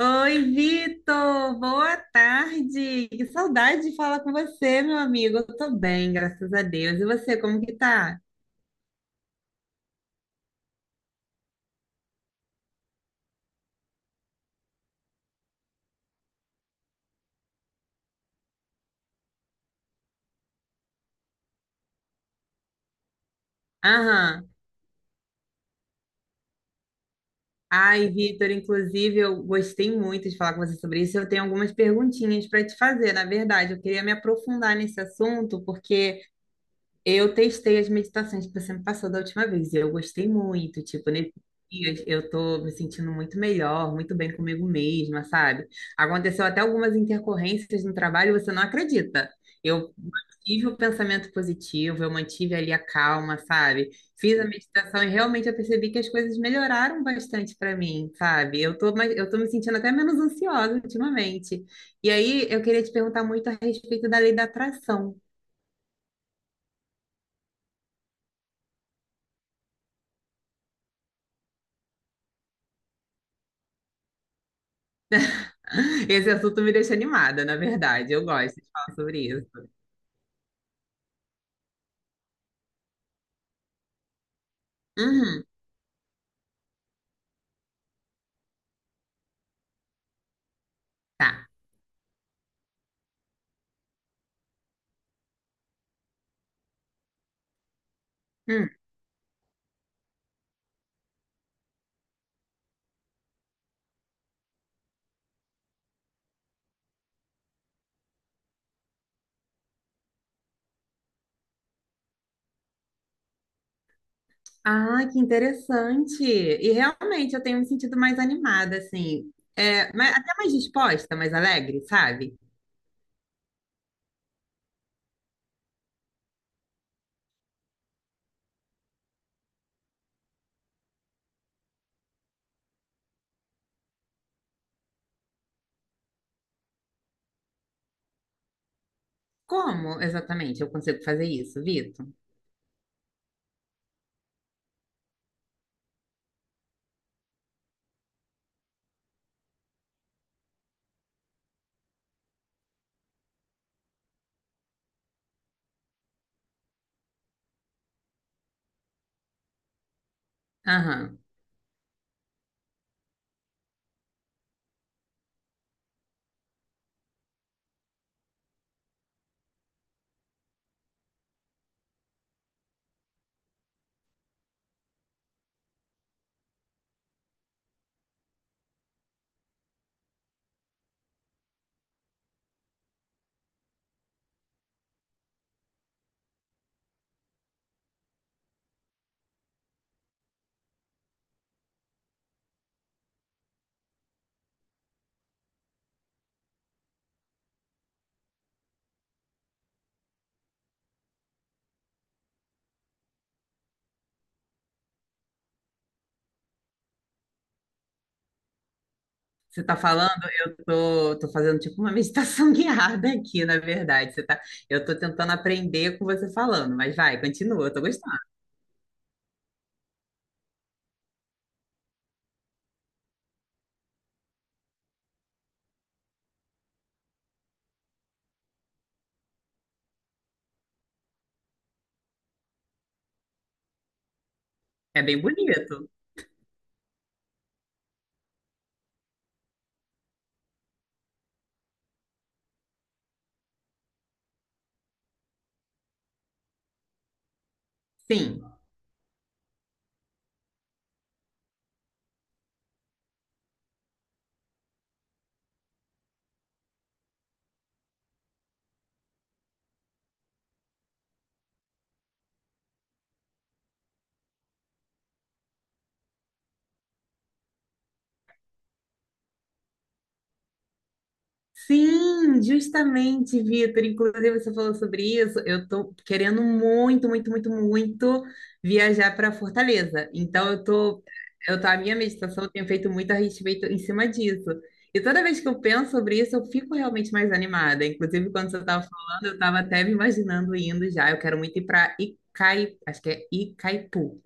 Oi, Vitor! Boa tarde! Que saudade de falar com você, meu amigo. Eu tô bem, graças a Deus. E você, como que tá? Aham. Ai, Vitor, inclusive, eu gostei muito de falar com você sobre isso. Eu tenho algumas perguntinhas para te fazer, na verdade. Eu queria me aprofundar nesse assunto, porque eu testei as meditações que você me passou da última vez e eu gostei muito. Tipo, nesses dias eu tô me sentindo muito melhor, muito bem comigo mesma, sabe? Aconteceu até algumas intercorrências no trabalho, você não acredita. Eu mantive o pensamento positivo, eu mantive ali a calma, sabe? Fiz a meditação e realmente eu percebi que as coisas melhoraram bastante para mim, sabe? Eu tô me sentindo até menos ansiosa ultimamente. E aí eu queria te perguntar muito a respeito da lei da atração. Esse assunto me deixa animada, na verdade. Eu gosto de falar sobre isso. Uhum, tá. Hum. Ah, que interessante. E realmente eu tenho me sentido mais animada, assim. É, mas, até mais disposta, mais alegre, sabe? Como exatamente eu consigo fazer isso, Vitor? Aham. Você tá falando, eu tô fazendo tipo uma meditação guiada aqui, na verdade. Eu tô tentando aprender com você falando, mas vai, continua, eu tô gostando. É bem bonito. Sim. Sim, justamente, Vitor. Inclusive, você falou sobre isso. Eu tô querendo muito, muito, muito, muito viajar para Fortaleza. Então, eu tô, a minha meditação eu tenho feito muito a respeito em cima disso. E toda vez que eu penso sobre isso, eu fico realmente mais animada. Inclusive, quando você estava falando, eu estava até me imaginando indo já. Eu quero muito ir para acho que é Icaipu,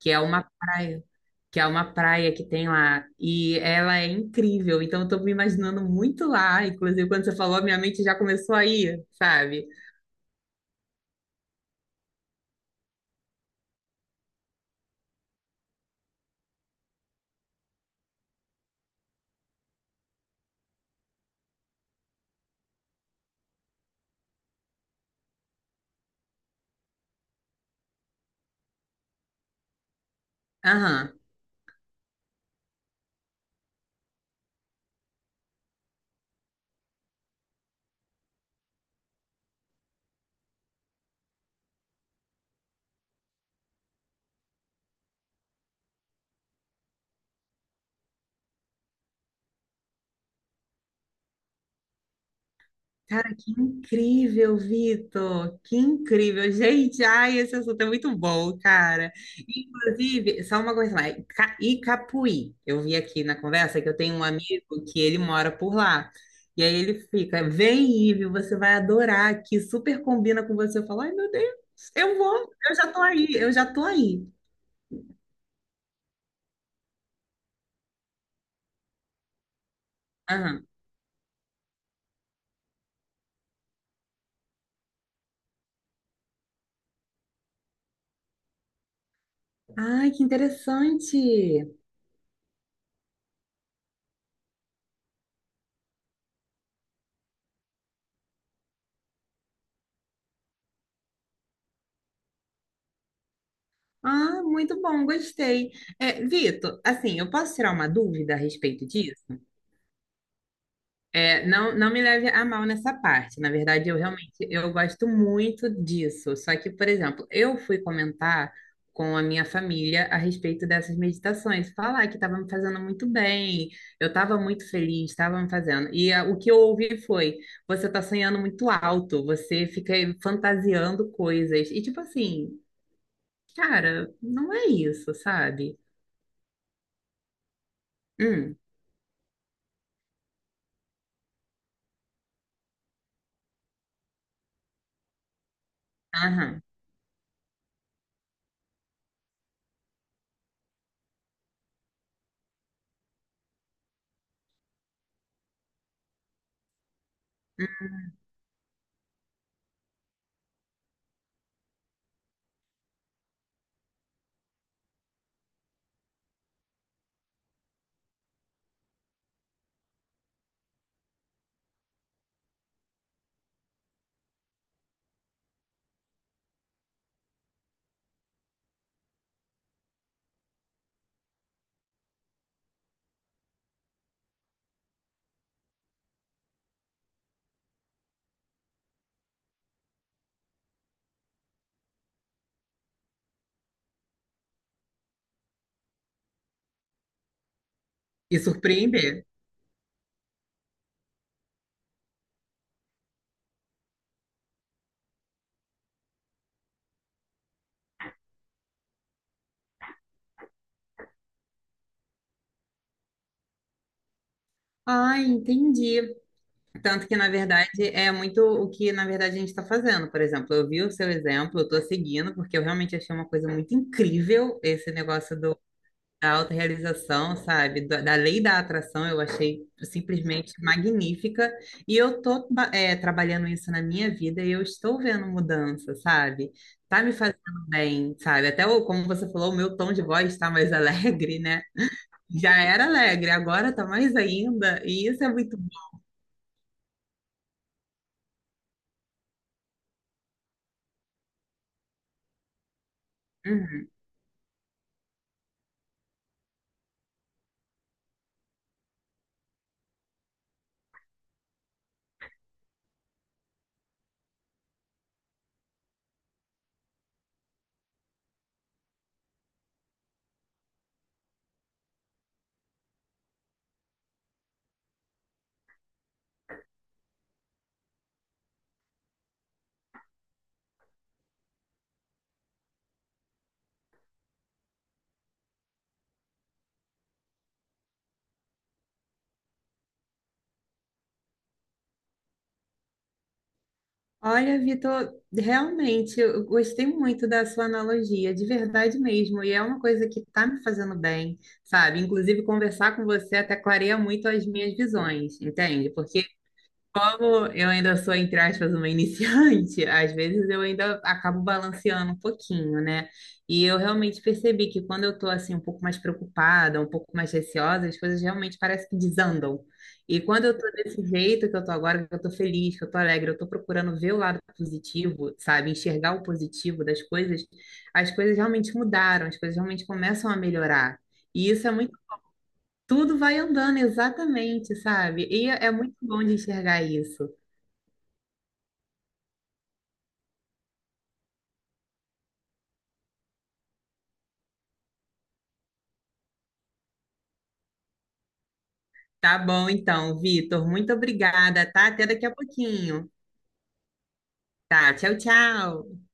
que é uma praia que é uma praia que tem lá, e ela é incrível, então eu tô me imaginando muito lá, inclusive quando você falou, a minha mente já começou a ir, sabe? Aham. Cara, que incrível, Vitor! Que incrível! Gente, ai, esse assunto é muito bom, cara. Inclusive, só uma coisa mais, Icapuí. Eu vi aqui na conversa que eu tenho um amigo que ele mora por lá. E aí ele fica, vem, Ive, você vai adorar aqui, super combina com você. Eu falo, ai, meu Deus, eu já tô aí, eu já tô aí. Aham. Ai, que interessante. Ah, muito bom, gostei. É, Vitor, assim, eu posso tirar uma dúvida a respeito disso? É, não, não me leve a mal nessa parte. Na verdade, eu realmente eu gosto muito disso. Só que, por exemplo, eu fui comentar com a minha família a respeito dessas meditações, falar que estava me fazendo muito bem, eu estava muito feliz, estava me fazendo. E ah, o que eu ouvi foi: você está sonhando muito alto, você fica aí fantasiando coisas. E tipo assim, cara, não é isso, sabe? Hum, aham. E surpreender. Ah, entendi. Tanto que, na verdade, é muito o que, na verdade, a gente está fazendo. Por exemplo, eu vi o seu exemplo, eu estou seguindo, porque eu realmente achei uma coisa muito incrível esse da autorrealização, sabe? Da lei da atração, eu achei simplesmente magnífica. E eu estou trabalhando isso na minha vida e eu estou vendo mudança, sabe? Tá me fazendo bem, sabe? Como você falou, o meu tom de voz está mais alegre, né? Já era alegre, agora tá mais ainda, e isso é muito bom. Uhum. Olha, Vitor, realmente eu gostei muito da sua analogia, de verdade mesmo, e é uma coisa que está me fazendo bem, sabe? Inclusive, conversar com você até clareia muito as minhas visões, entende? Porque como eu ainda sou, entre aspas, uma iniciante, às vezes eu ainda acabo balanceando um pouquinho, né? E eu realmente percebi que quando eu tô assim um pouco mais preocupada, um pouco mais receosa, as coisas realmente parecem que desandam. E quando eu tô desse jeito que eu tô agora, que eu tô feliz, que eu tô alegre, eu tô procurando ver o lado positivo, sabe? Enxergar o positivo das coisas, as coisas realmente mudaram, as coisas realmente começam a melhorar. E isso é muito, Tudo vai andando exatamente, sabe? E é muito bom de enxergar isso. Tá bom, então, Vitor. Muito obrigada, tá? Até daqui a pouquinho. Tá, tchau, tchau.